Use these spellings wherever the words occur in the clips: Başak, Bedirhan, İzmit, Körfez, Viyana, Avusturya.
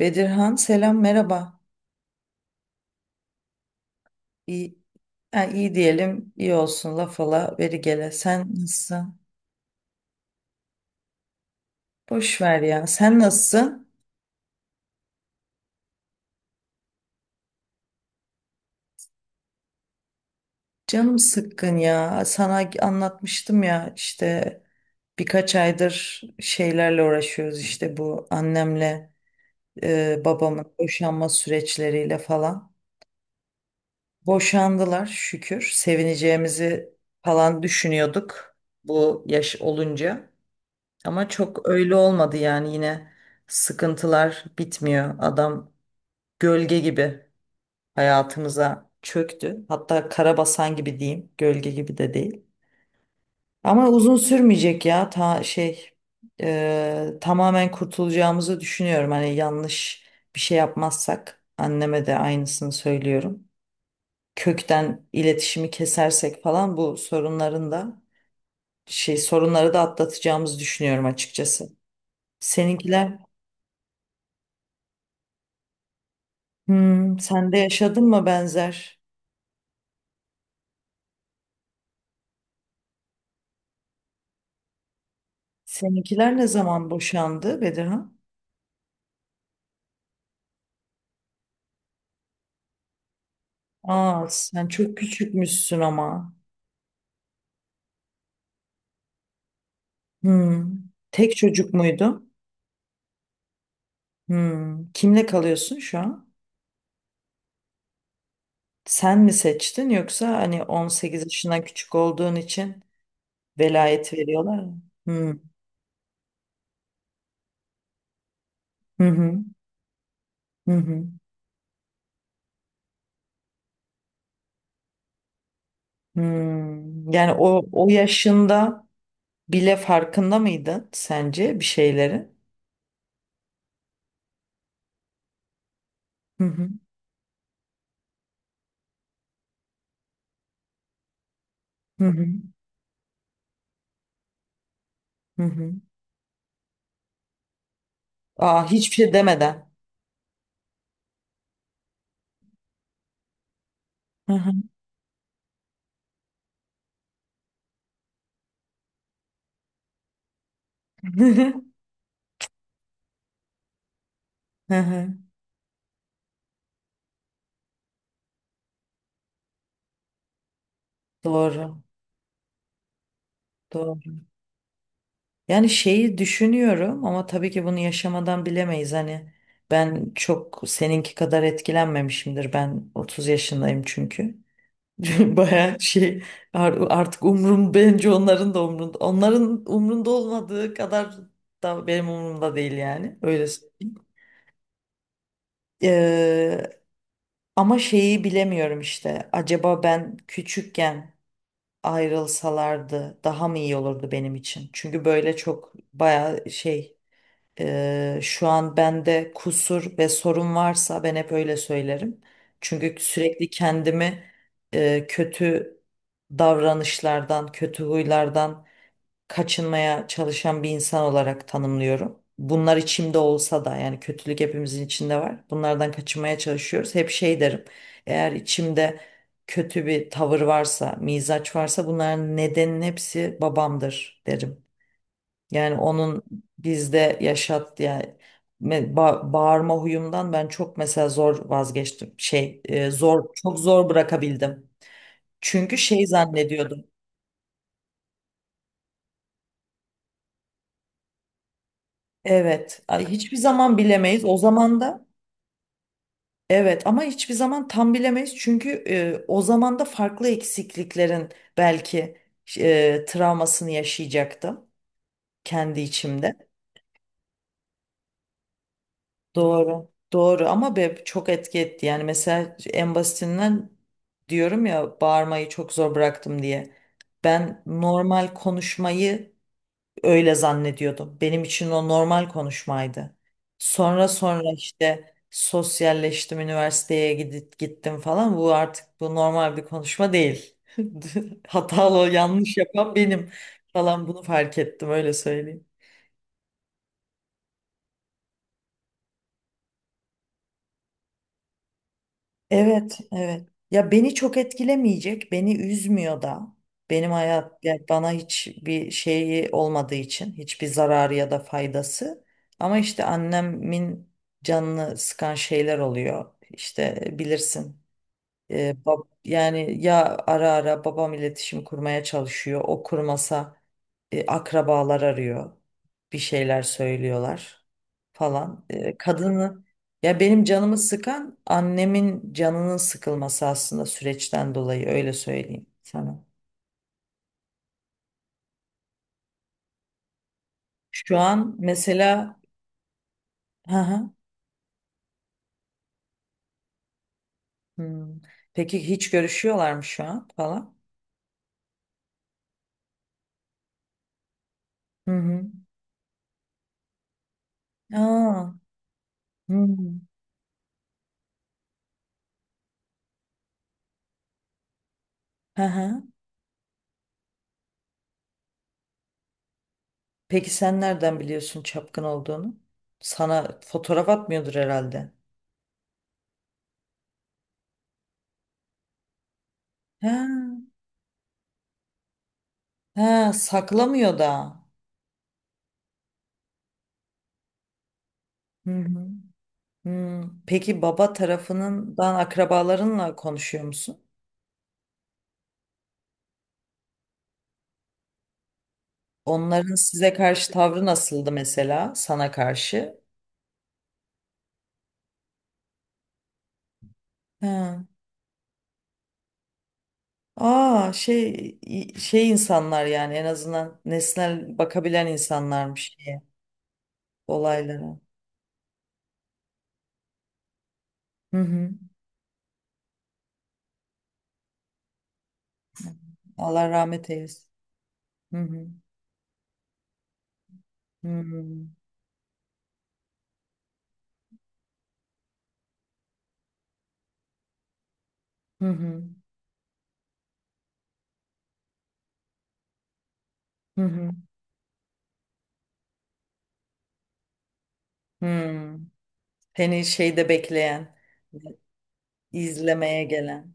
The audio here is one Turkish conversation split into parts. Bedirhan selam merhaba. İyi, ha, iyi diyelim iyi olsun laf ala veri gele. Sen nasılsın? Boş ver ya. Sen nasılsın? Canım sıkkın ya. Sana anlatmıştım ya işte birkaç aydır şeylerle uğraşıyoruz işte bu annemle babamın boşanma süreçleriyle falan. Boşandılar şükür. Sevineceğimizi falan düşünüyorduk bu yaş olunca. Ama çok öyle olmadı yani yine sıkıntılar bitmiyor. Adam gölge gibi hayatımıza çöktü. Hatta karabasan gibi diyeyim. Gölge gibi de değil. Ama uzun sürmeyecek ya ta şey tamamen kurtulacağımızı düşünüyorum. Hani yanlış bir şey yapmazsak anneme de aynısını söylüyorum. Kökten iletişimi kesersek falan bu sorunların da şey sorunları da atlatacağımızı düşünüyorum açıkçası. Seninkiler Hmm, sen de yaşadın mı benzer? Seninkiler ne zaman boşandı Bedirhan? Aa, sen çok küçükmüşsün ama. Hmm. Tek çocuk muydu? Hmm. Kimle kalıyorsun şu an? Sen mi seçtin yoksa hani 18 yaşından küçük olduğun için velayet veriyorlar mı? Hmm. Hı hı. Hı hı. Hmm. Yani o yaşında bile farkında mıydın sence bir şeylerin? Hı hı. Hı hı. Hı hı. Aa, hiçbir şey demeden. Hı hı. Hı hı. Doğru. Doğru. Yani şeyi düşünüyorum ama tabii ki bunu yaşamadan bilemeyiz. Hani ben çok seninki kadar etkilenmemişimdir. Ben 30 yaşındayım çünkü. Baya şey artık umrum bence onların da umrunda. Onların umrunda olmadığı kadar da benim umurumda değil yani. Öyle söyleyeyim. Ee, ama şeyi bilemiyorum işte. Acaba ben küçükken ayrılsalardı daha mı iyi olurdu benim için? Çünkü böyle çok baya şey şu an bende kusur ve sorun varsa ben hep öyle söylerim. Çünkü sürekli kendimi kötü davranışlardan, kötü huylardan kaçınmaya çalışan bir insan olarak tanımlıyorum. Bunlar içimde olsa da yani kötülük hepimizin içinde var. Bunlardan kaçınmaya çalışıyoruz. Hep şey derim. Eğer içimde kötü bir tavır varsa, mizaç varsa bunların nedenin hepsi babamdır derim. Yani onun bizde yani bağırma huyumdan ben çok mesela zor vazgeçtim. Zor çok zor bırakabildim. Çünkü şey zannediyordum. Evet, ay hiçbir zaman bilemeyiz. O zaman da. Evet, ama hiçbir zaman tam bilemeyiz çünkü o zaman da farklı eksikliklerin belki travmasını yaşayacaktım kendi içimde. Doğru. Doğru ama be, çok etki etti. Yani mesela en basitinden diyorum ya bağırmayı çok zor bıraktım diye. Ben normal konuşmayı öyle zannediyordum. Benim için o normal konuşmaydı. Sonra sonra işte sosyalleştim, üniversiteye gidip gittim falan. Bu artık bu normal bir konuşma değil. Hatalı, yanlış yapan benim falan bunu fark ettim öyle söyleyeyim. Evet, evet. Ya beni çok etkilemeyecek, beni üzmüyor da. Yani bana hiçbir şeyi olmadığı için, hiçbir zararı ya da faydası. Ama işte annemin canını sıkan şeyler oluyor. İşte bilirsin. Yani ya ara ara babam iletişim kurmaya çalışıyor. O kurmasa akrabalar arıyor. Bir şeyler söylüyorlar falan. Kadını ya benim canımı sıkan annemin canının sıkılması aslında süreçten dolayı öyle söyleyeyim sana. Şu an mesela hı hı, hmm. Peki hiç görüşüyorlar mı şu an falan? Hı hı. Aa, hı hı. Hı hı. Peki sen nereden biliyorsun çapkın olduğunu? Sana fotoğraf atmıyordur herhalde. Ha, ha, saklamıyor da. Hı hı. Hmm, peki baba tarafından akrabalarınla konuşuyor musun? Onların size karşı tavrı nasıldı mesela sana karşı? Ha. Aa şey insanlar yani en azından nesnel bakabilen insanlarmış şeye, olaylara. Hı hı. Allah rahmet eylesin. Hı hı. Hı hı. Hı hı. Hı hı. Hmm. Seni şeyde bekleyen, izlemeye gelen.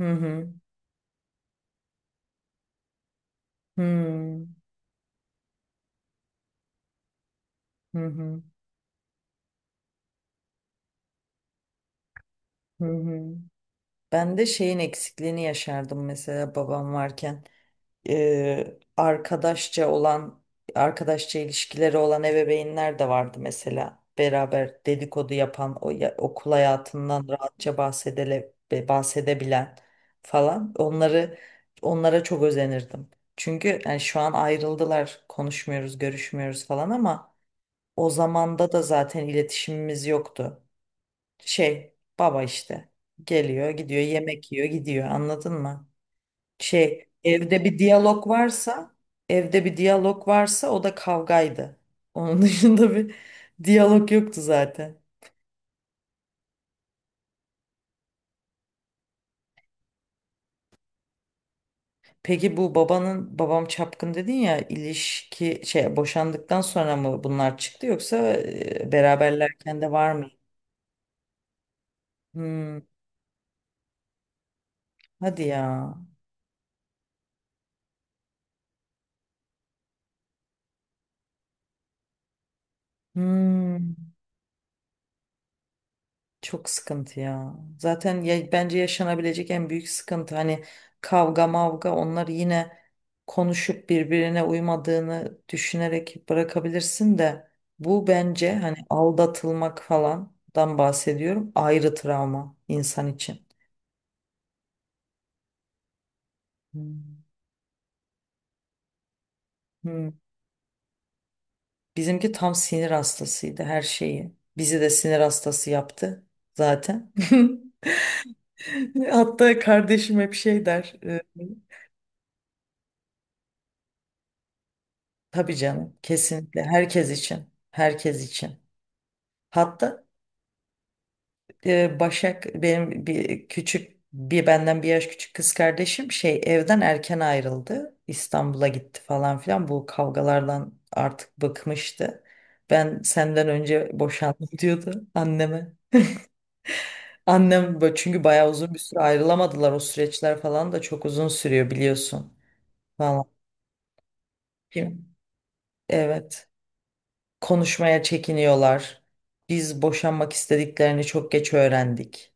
Hı hı. Hmm. Hı hı. Hı hı. Ben de şeyin eksikliğini yaşardım mesela babam varken. e, arkadaşça olan arkadaşça ilişkileri olan ebeveynler de vardı mesela. Beraber dedikodu yapan o okul hayatından rahatça bahsedebilen falan. Onlara çok özenirdim. Çünkü yani şu an ayrıldılar, konuşmuyoruz, görüşmüyoruz falan ama o zamanda da zaten iletişimimiz yoktu. Şey, baba işte geliyor, gidiyor, yemek yiyor, gidiyor. Anladın mı? Şey, evde bir diyalog varsa, evde bir diyalog varsa o da kavgaydı. Onun dışında bir diyalog yoktu zaten. Peki bu babanın babam çapkın dedin ya ilişki şey boşandıktan sonra mı bunlar çıktı yoksa beraberlerken de var mı? Hmm, hadi ya. Hmm. Çok sıkıntı ya. Zaten ya, bence yaşanabilecek en büyük sıkıntı hani kavga mavga onlar yine konuşup birbirine uymadığını düşünerek bırakabilirsin de bu bence hani aldatılmak falandan bahsediyorum ayrı travma insan için. Hmm. Hmm. Bizimki tam sinir hastasıydı her şeyi. Bizi de sinir hastası yaptı zaten. Hatta kardeşim hep şey der. Tabii canım, kesinlikle herkes için, herkes için. Hatta Başak benim bir benden bir yaş küçük kız kardeşim şey evden erken ayrıldı. İstanbul'a gitti falan filan. Bu kavgalardan artık bıkmıştı. Ben senden önce boşandım diyordu anneme. Annem böyle çünkü bayağı uzun bir süre ayrılamadılar. O süreçler falan da çok uzun sürüyor biliyorsun falan. Kim? Evet. Konuşmaya çekiniyorlar. Biz boşanmak istediklerini çok geç öğrendik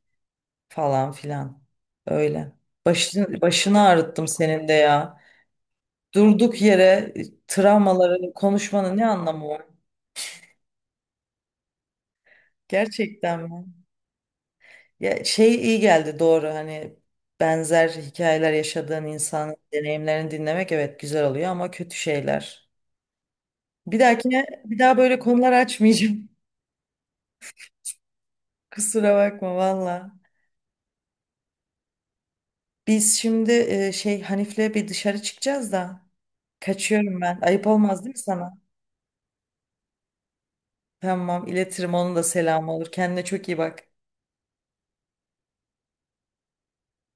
falan filan. Öyle. Başını ağrıttım senin de ya. Durduk yere travmaları konuşmanın ne anlamı var? Gerçekten mi? Ya şey iyi geldi doğru hani benzer hikayeler yaşadığın insanın deneyimlerini dinlemek evet güzel oluyor ama kötü şeyler. Bir dahakine bir daha böyle konular açmayacağım. Kusura bakma valla. Biz şimdi Hanif'le bir dışarı çıkacağız da kaçıyorum ben. Ayıp olmaz değil mi sana? Tamam iletirim onun da selamı olur. Kendine çok iyi bak.